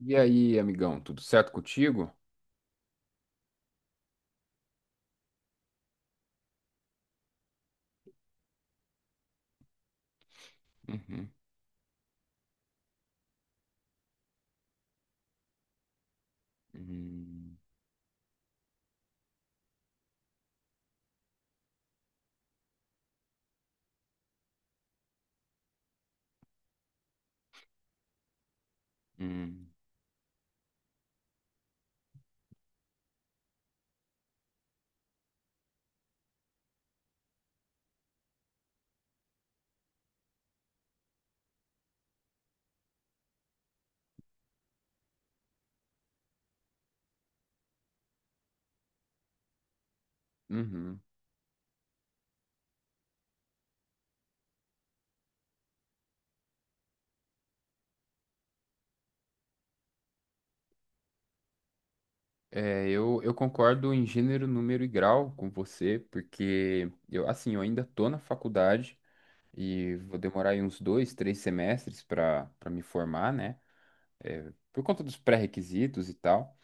E aí, amigão, tudo certo contigo? Uhum, uhum, uhum. Uhum. Eu concordo em gênero, número e grau com você, porque eu, assim, eu ainda tô na faculdade e vou demorar aí uns dois, três semestres para me formar, né? É, por conta dos pré-requisitos e tal.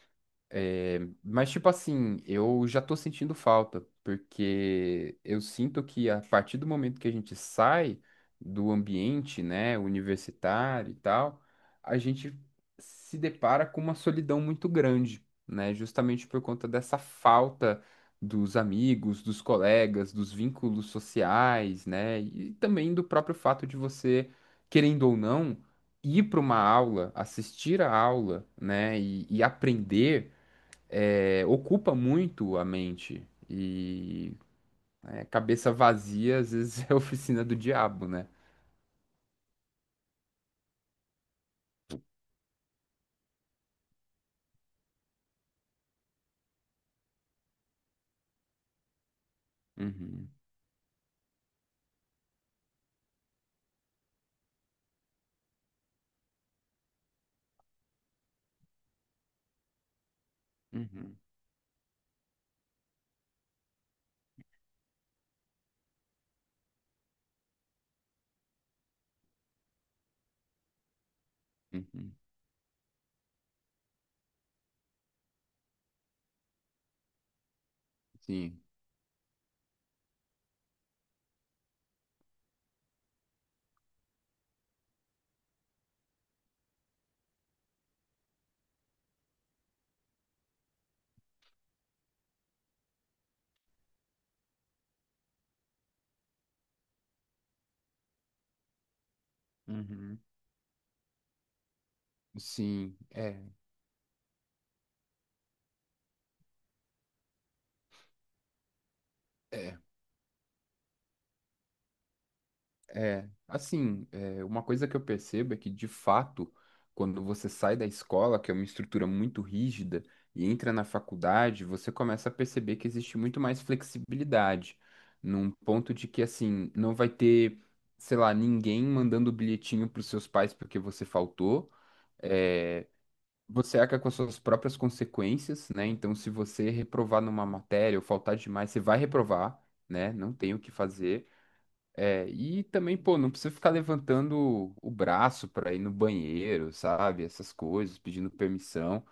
É, mas, tipo assim, eu já tô sentindo falta, porque eu sinto que a partir do momento que a gente sai do ambiente, né, universitário e tal, a gente se depara com uma solidão muito grande, né, justamente por conta dessa falta dos amigos, dos colegas, dos vínculos sociais, né, e também do próprio fato de você, querendo ou não, ir para uma aula, assistir a aula, né, e aprender ocupa muito a mente. E é, cabeça vazia, às vezes, é a oficina do diabo, né? Uhum, uhum, uhum, sim, uhum, sim, é. É, assim, é, uma coisa que eu percebo é que, de fato, quando você sai da escola, que é uma estrutura muito rígida, e entra na faculdade, você começa a perceber que existe muito mais flexibilidade, num ponto de que, assim, não vai ter, sei lá, ninguém mandando bilhetinho para os seus pais porque você faltou. É, você arca com as suas próprias consequências, né? Então, se você reprovar numa matéria ou faltar demais, você vai reprovar, né? Não tem o que fazer. É, e também, pô, não precisa ficar levantando o braço pra ir no banheiro, sabe? Essas coisas, pedindo permissão.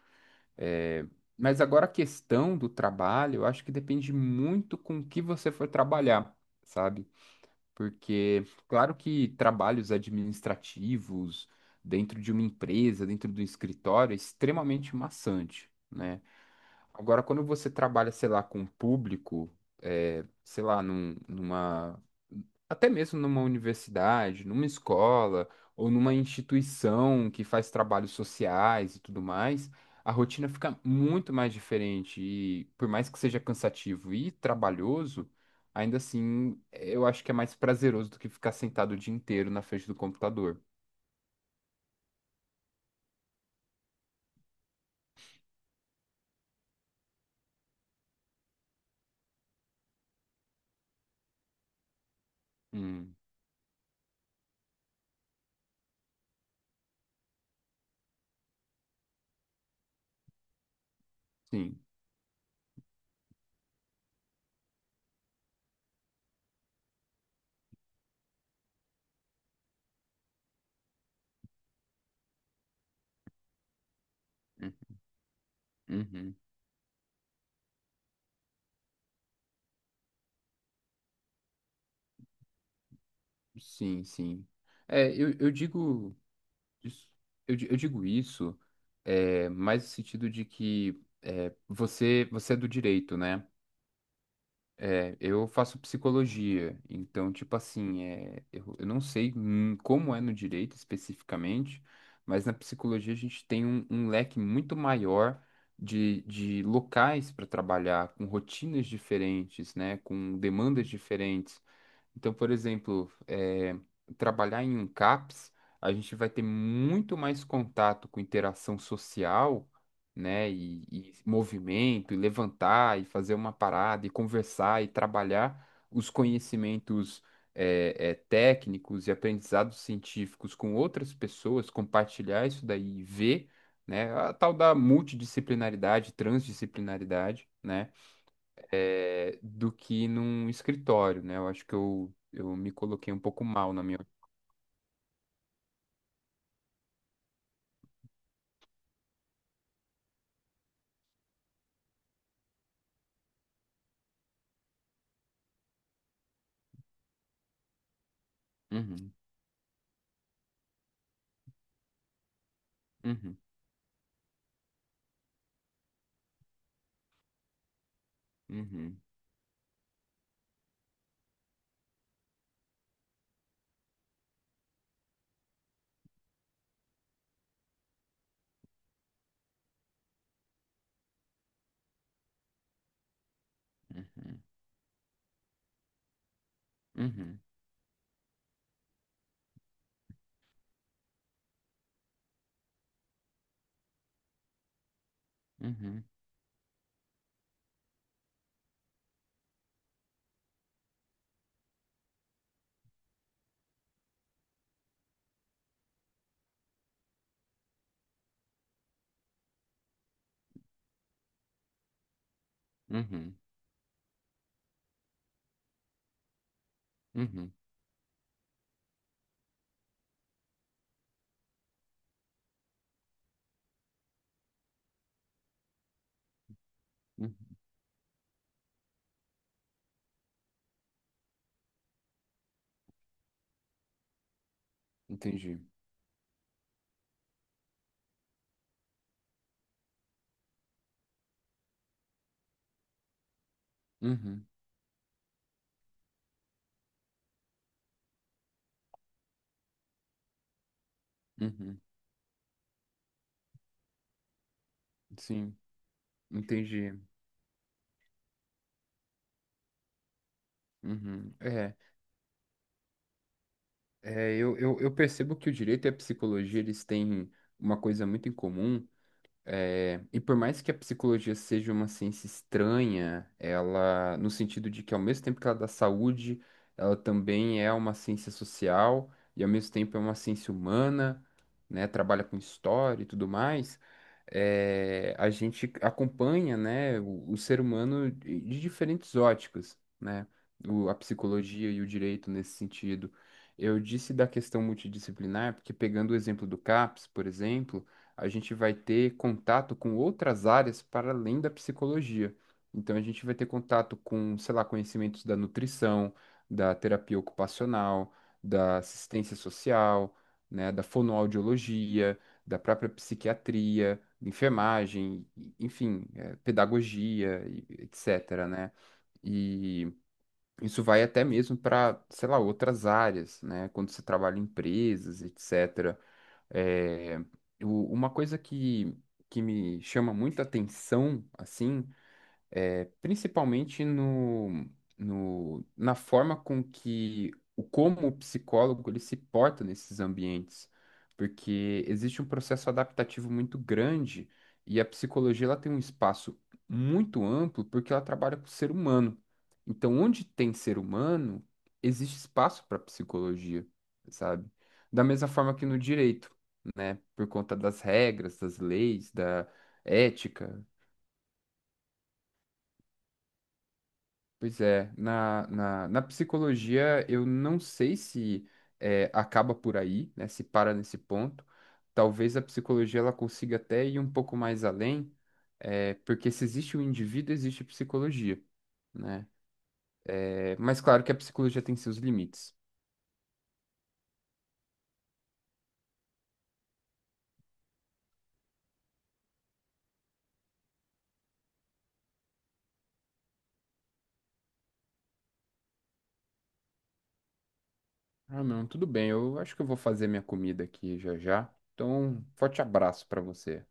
É, mas agora a questão do trabalho, eu acho que depende muito com o que você for trabalhar, sabe? Porque, claro que trabalhos administrativos dentro de uma empresa, dentro do escritório, é extremamente maçante, né? Agora, quando você trabalha, sei lá, com um público, é, sei lá, numa, até mesmo numa universidade, numa escola ou numa instituição que faz trabalhos sociais e tudo mais, a rotina fica muito mais diferente. E por mais que seja cansativo e trabalhoso, ainda assim, eu acho que é mais prazeroso do que ficar sentado o dia inteiro na frente do computador. Hum, sim. Uhum. Sim, sim. É, eu, eu digo. Isso- eu digo isso mais no sentido de que é, você é do direito, né? É, eu faço psicologia, então, tipo assim, é, eu não sei como é no direito especificamente, mas na psicologia a gente tem um leque muito maior de locais para trabalhar, com rotinas diferentes, né? Com demandas diferentes. Então, por exemplo, trabalhar em um CAPS, a gente vai ter muito mais contato com interação social, né? E movimento, e levantar, e fazer uma parada, e conversar, e trabalhar os conhecimentos técnicos e aprendizados científicos com outras pessoas, compartilhar isso daí e ver, né? A tal da multidisciplinaridade, transdisciplinaridade, né? Do que num escritório, né? Eu acho que eu me coloquei um pouco mal na minha. Uhum, uhum, uhum, uhum, uhum, uhum, uhum, uhum, uhum. Entendi. Uhum, uhum. Sim, entendi. Uhum. Eu percebo que o direito e a psicologia, eles têm uma coisa muito em comum. É, e por mais que a psicologia seja uma ciência estranha, ela, no sentido de que ao mesmo tempo que ela dá saúde, ela também é uma ciência social e ao mesmo tempo é uma ciência humana, né, trabalha com história e tudo mais, é, a gente acompanha, né, o ser humano de diferentes óticas, né, a psicologia e o direito nesse sentido. Eu disse da questão multidisciplinar, porque pegando o exemplo do CAPS, por exemplo, a gente vai ter contato com outras áreas para além da psicologia. Então, a gente vai ter contato com, sei lá, conhecimentos da nutrição, da terapia ocupacional, da assistência social, né, da fonoaudiologia, da própria psiquiatria, enfermagem, enfim, eh, pedagogia, etc., né? E isso vai até mesmo para, sei lá, outras áreas, né? Quando você trabalha em empresas, etc. É, uma coisa que me chama muita atenção, assim, é, principalmente no, no, na forma com que o como o psicólogo ele se porta nesses ambientes, porque existe um processo adaptativo muito grande e a psicologia ela tem um espaço muito amplo porque ela trabalha com o ser humano. Então, onde tem ser humano, existe espaço para psicologia, sabe? Da mesma forma que no direito, né? Por conta das regras, das leis, da ética. Pois é, na psicologia eu não sei se acaba por aí, né, se para nesse ponto. Talvez a psicologia ela consiga até ir um pouco mais além, eh, porque se existe o indivíduo, existe a psicologia, né? Eh, mas claro que a psicologia tem seus limites. Ah, não, tudo bem, eu acho que eu vou fazer minha comida aqui já já. Então, forte abraço para você.